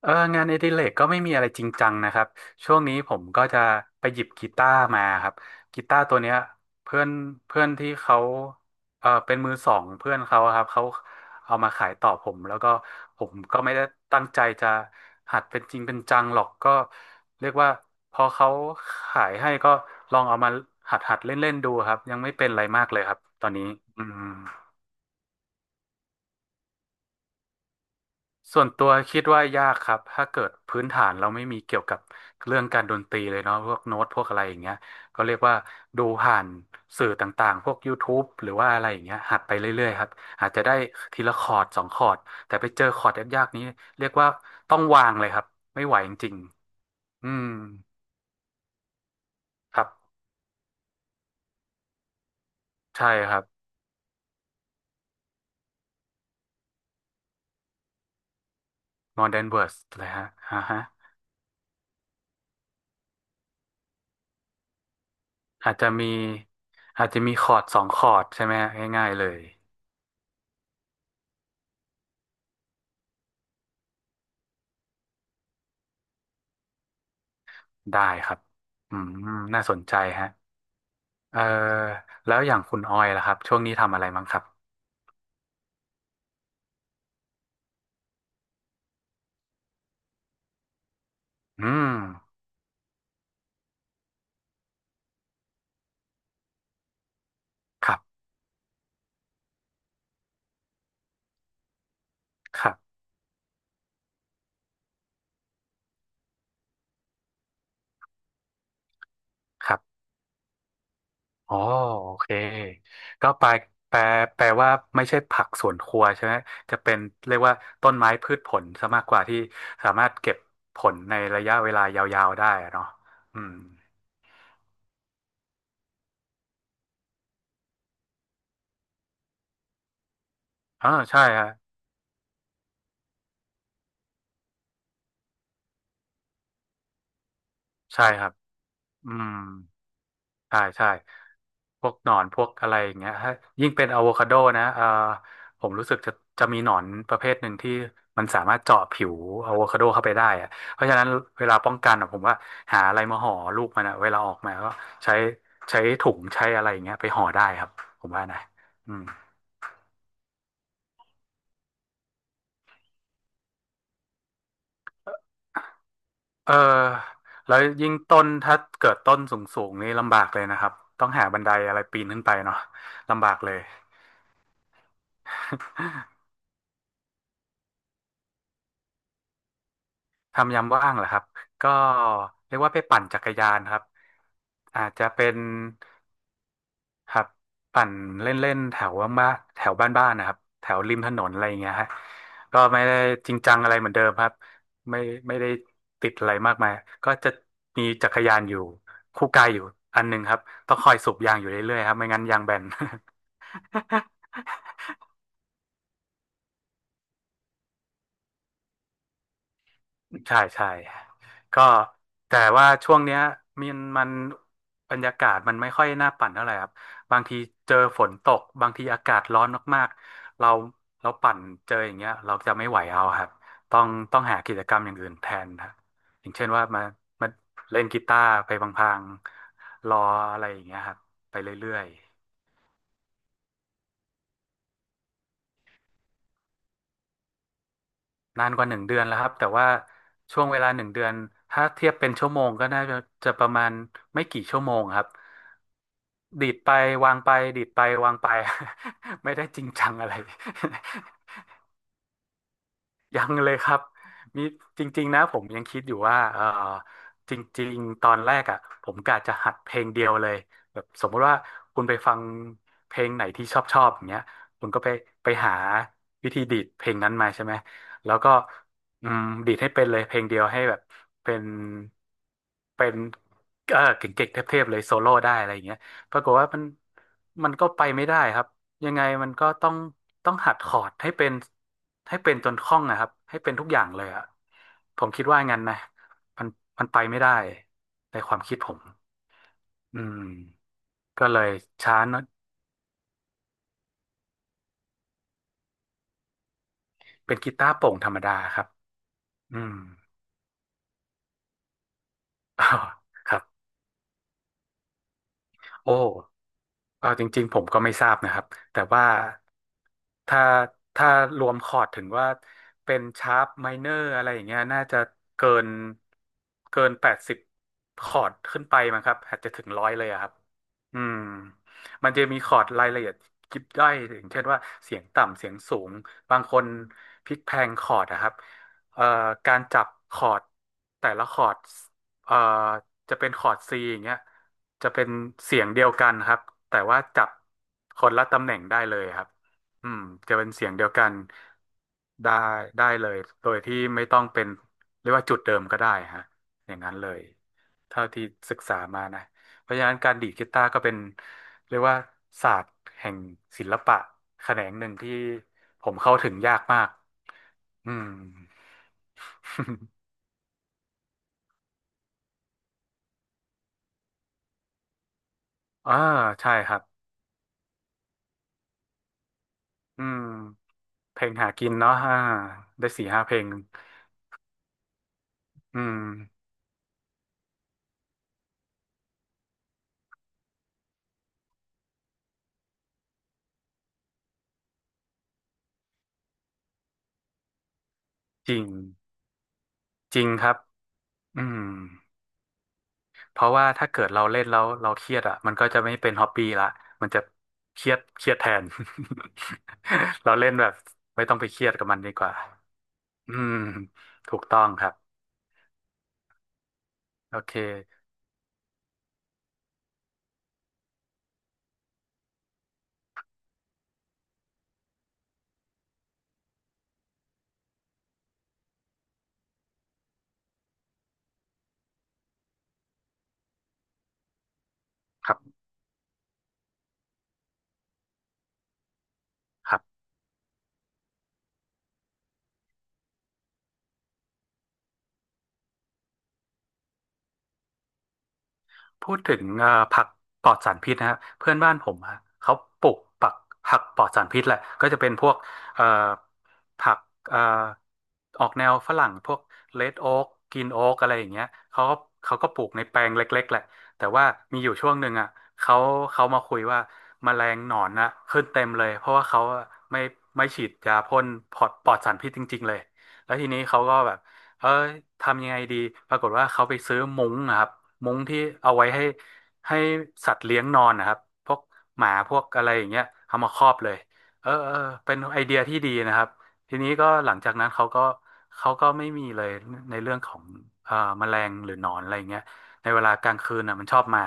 เอองานอดิเรกก็ไม่มีอะไรจริงจังนะครับช่วงนี้ผมก็จะไปหยิบกีตาร์มาครับกีตาร์ตัวเนี้ยเพื่อนเพื่อนที่เขาเออเป็นมือสองเพื่อนเขาอะครับเขาเอามาขายต่อผมแล้วก็ผมก็ไม่ได้ตั้งใจจะหัดเป็นจริงเป็นจังหรอกก็เรียกว่าพอเขาขายให้ก็ลองเอามาหัดเล่นเล่นดูครับยังไม่เป็นอะไรมากเลยครับตอนนี้อืม ส่วนตัวคิดว่ายากครับถ้าเกิดพื้นฐานเราไม่มีเกี่ยวกับเรื่องการดนตรีเลยเนาะพวกโน้ตพวกอะไรอย่างเงี้ยก็เรียกว่าดูผ่านสื่อต่างๆพวกยูทูบ e หรือว่าอะไรอย่างเงี้ยหัดไปเรื่อยๆครับอาจจะได้ทีละคอร์ดสองคอร์ดแต่ไปเจอคอร์ดยากๆนี้เรียกว่าต้องวางเลยครับไม่ไหวจริงๆอืมครับใช่ครับ Modern Words เลยฮะอ่าฮะอาจจะมีอาจจะมีคอร์ดสองคอร์ดใช่ไหมฮะง่ายๆเลยได้ครับอืมน่าสนใจฮะ เออแล้วอย่างคุณออยล่ะครับช่วงนี้ทำอะไรมั้งครับอืมครับครับครับอ๋อโอเคก็แปลแปลว่าไม่ใช่ผักสวนครัวใช่ไหมจะเป็นเรียกว่าต้นไม้พืชผลซะมากกว่าที่สามารถเก็บผลในระยะเวลายาวๆได้อะเนาะอืมเออใช่ฮะใช่ครับอืม ใช่ใช่พวกหนอนพวกอะไรอย่างเงี้ยถ้ายิ่งเป็นอะโวคาโดนะผมรู้สึกจะมีหนอนประเภทหนึ่งที่มันสามารถเจาะผิวอะโวคาโดเข้าไปได้อะเพราะฉะนั้นเวลาป้องกันอะผมว่าหาอะไรมาห่อลูกมันอะเวลาออกมาก็ใช้ใช้ถุงใช้อะไรอย่างเงี้ยไปห่อได้ครับผมว่านะอืมเออแล้วยิ่งต้นถ้าเกิดต้นสูงๆนี่ลำบากเลยนะครับต้องหาบันไดอะไรปีนขึ้นไปเนาะลำบากเลย ทำยามว่างเหรอครับก็เรียกว่าไปปั่นจักรยานครับอาจจะเป็นครับปั่นเล่นๆแถวบ้านแถวบ้านๆนะครับแถวริมถนนอะไรอย่างเงี้ยฮะก็ไม่ได้จริงจังอะไรเหมือนเดิมครับไม่ไม่ได้ติดอะไรมากมายก็จะมีจักรยานอยู่คู่กายอยู่อันหนึ่งครับต้องคอยสูบยางอยู่เรื่อยๆครับไม่งั้นยางแบน ใช่ใช่ก็แต่ว่าช่วงเนี้ยมันบรรยากาศมันไม่ค่อยน่าปั่นเท่าไหร่ครับบางทีเจอฝนตกบางทีอากาศร้อนมากๆเราปั่นเจออย่างเงี้ยเราจะไม่ไหวเอาครับต้องต้องหากิจกรรมอย่างอื่นแทนครับอย่างเช่นว่ามาเล่นกีตาร์ไปพลางๆรออะไรอย่างเงี้ยครับไปเรื่อย นานกว่าหนึ่งเดือนแล้วครับแต่ว่าช่วงเวลาหนึ่งเดือนถ้าเทียบเป็นชั่วโมงก็น่าจะประมาณไม่กี่ชั่วโมงครับดีดไปวางไปดีดไปวางไป ไม่ได้จริงจังอะไร ยังเลยครับมีจริงๆนะผมยังคิดอยู่ว่าเออจริงๆตอนแรกอ่ะผมกะจะหัดเพลงเดียวเลยแบบสมมติว่าคุณไปฟังเพลงไหนที่ชอบชอบอย่างเงี้ยคุณก็ไปหาวิธีดีดเพลงนั้นมาใช่ไหมแล้วก็อืมดีดให้เป็นเลยเพลงเดียวให้แบบเป็นเป็นเออเก่งๆเทพๆเลยโซโล่ได้อะไรอย่างเงี้ยปรากฏว่ามันก็ไปไม่ได้ครับ ยังไงมันก็ต้องหัดคอร์ดให้เป็นจนคล่องนะครับให้เป็นทุกอย่างเลยอะผมคิดว่างั้นนะมันมันไปไม่ได้ในความคิดผมอืมก็เลยช้าหนอยเป็นกีตาร์โปร่งธรรมดาครับอืม ครับโอ้ เออจริงๆผมก็ไม่ทราบนะครับแต่ว่าถ้าถ้ารวมคอร์ดถึงว่าเป็นชาร์ปไมเนอร์อะไรอย่างเงี้ยน่าจะเกินเกิน80คอร์ดขึ้นไปมั้งครับอาจจะถึง100เลยอะครับอืมมันจะมีคอร์ดรายละเอียดยิบย่อยอย่างเช่นว่าเสียงต่ำเสียงสูงบางคนพลิกแพลงคอร์ดนะครับเอ่อการจับคอร์ดแต่ละคอร์ดเอ่อ จะเป็นคอร์ดซีอย่างเงี้ยจะเป็นเสียงเดียวกันครับแต่ว่าจับคนละตำแหน่งได้เลยครับอืมจะเป็นเสียงเดียวกันได้ได้เลยโดยที่ไม่ต้องเป็นเรียกว่าจุดเดิมก็ได้ฮะอย่างนั้นเลยเท่าที่ศึกษามานะเพราะฉะนั้นการดีดกีตาร์ก็เป็นเรียกว่าศาสตร์แห่งศิลปะแขนงหนึ่งที่ผมเข้าถึงยากมากอืม อ่าใช่ครับอืม เพลงหากินเนาะอ่าได้สี่ห้าเพลงอืมจริงจริงครับอืมเพราะว่าถ้าเกิดเราเล่นแล้วเราเครียดอ่ะมันก็จะไม่เป็นฮอปปี้ละมันจะเครียดแทน เราเล่นแบบไม่ต้องไปเครียดกับมันดีกว่าอืมถูกต้องครับโอเคครับครับ พูดถึงผักปลอดสารพิษนะฮะเพื่อนบ้านผมฮะเขาปลูกผักปลอดสารพิษแหละก็จะเป็นพวกเอ่อผักเอ่อออกแนวฝรั่งพวกเลดโอ๊กกิีนโอ๊กอะไรอย่างเงี้ยเขาก็เขาก็ปลูกในแปลงเล็กๆแหละแต่ว่ามีอยู่ช่วงหนึ่งอ่ะเขาเขามาคุยว่าแมลงหนอนนะขึ้นเต็มเลยเพราะว่าเขาอะไม่ไม่ฉีดยาพ่นปลอดสารพิษจริงๆเลยแล้วทีนี้เขาก็แบบ เออทำยังไงดีปรากฏว่าเขาไปซื้อมุ้งนะครับมุ้งที่เอาไว้ให้สัตว์เลี้ยงนอนนะครับพวกหมาพวกอะไรอย่างเงี้ยเอามาครอบเลยเออเออเป็นไอเดียที่ดีนะครับทีนี้ก็หลังจากนั้นเขาก็ไม่มีเลยในเรื่องของแมลงหรือหนอนอะไรอย่างเงี้ยในเวลากลางคืนอ่ะมันชอบมา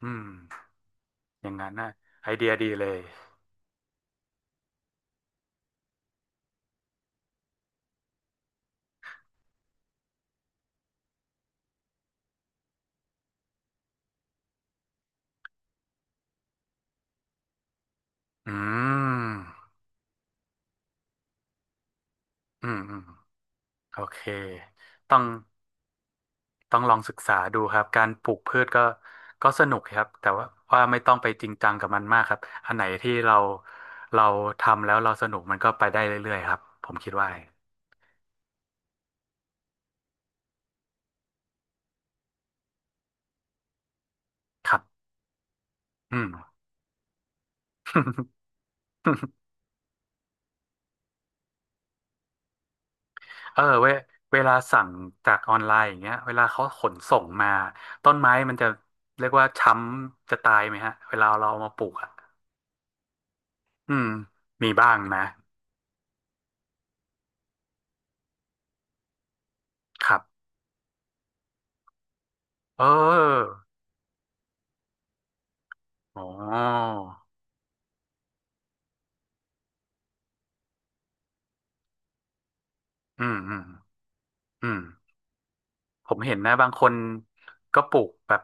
อืมอย่างนั้นนะไอเดียดีเลยอืมอืมอืมโอเคต้อง ต้องลองศึกษาดูครับการปลูกพืชก็ก็สนุกครับแต่ว่าไม่ต้องไปจริงจังกับมันมากครับอันไหนที่เราเราทำแล้วเราสนุกมันก็ไปได้เรื่อยๆครับผมคิดว่าครับอืม เออเวลาสั่งจากออนไลน์อย่างเงี้ยเวลาเขาขนส่งมาต้นไม้มันจะเรียกว่าช้ำจะตายไหมฮะเวลาเราเอามาปลูกอ่ะอืมมีบ้างนะครับเอออ๋ออืมอืมอืม ผมเห็นนะบางคนก็ปลูกแบบ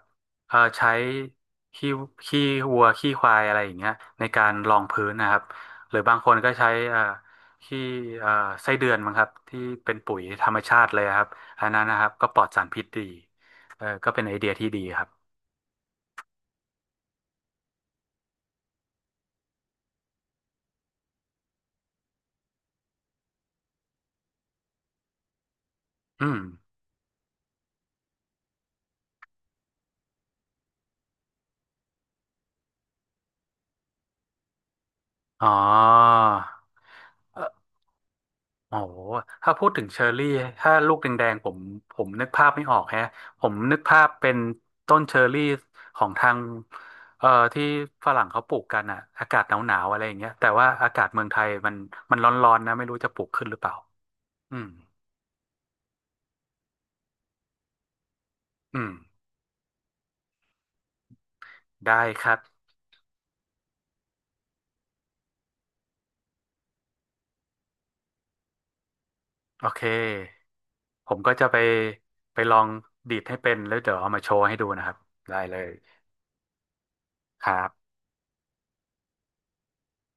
เออใช้ขี้ขี้วัวขี้ควายอะไรอย่างเงี้ยในการรองพื้นนะครับหรือบางคนก็ใช้ขี้เอ่อไส้เดือนมั้งครับที่เป็นปุ๋ยธรรมชาติเลยครับอันนั้นนะครับก็ปลอดสารพิษดีเออก็เป็นไอเดียที่ดีครับอืมอ๋อ โอ้โหถ้าพูดถึงเชอร์รี่ ถ้าลูกแดงๆผมนึกภาพไม่ออกแฮะผมนึกภาพเป็นต้นเชอร์รี่ของทางเอ่อที่ฝรั่งเขาปลูกกันอะอากาศหนาวๆอะไรอย่างเงี้ยแต่ว่าอากาศเมืองไทยมันร้อนๆนะไม่รู้จะปลูกขึ้นหรือเปล่า อืมอืมได้ครับ โอเค ผมก็จะไปลองดีดให้เป็น แล้วเดี๋ยวเอามาโชว์ให้ดูนะครับได้เลยครับ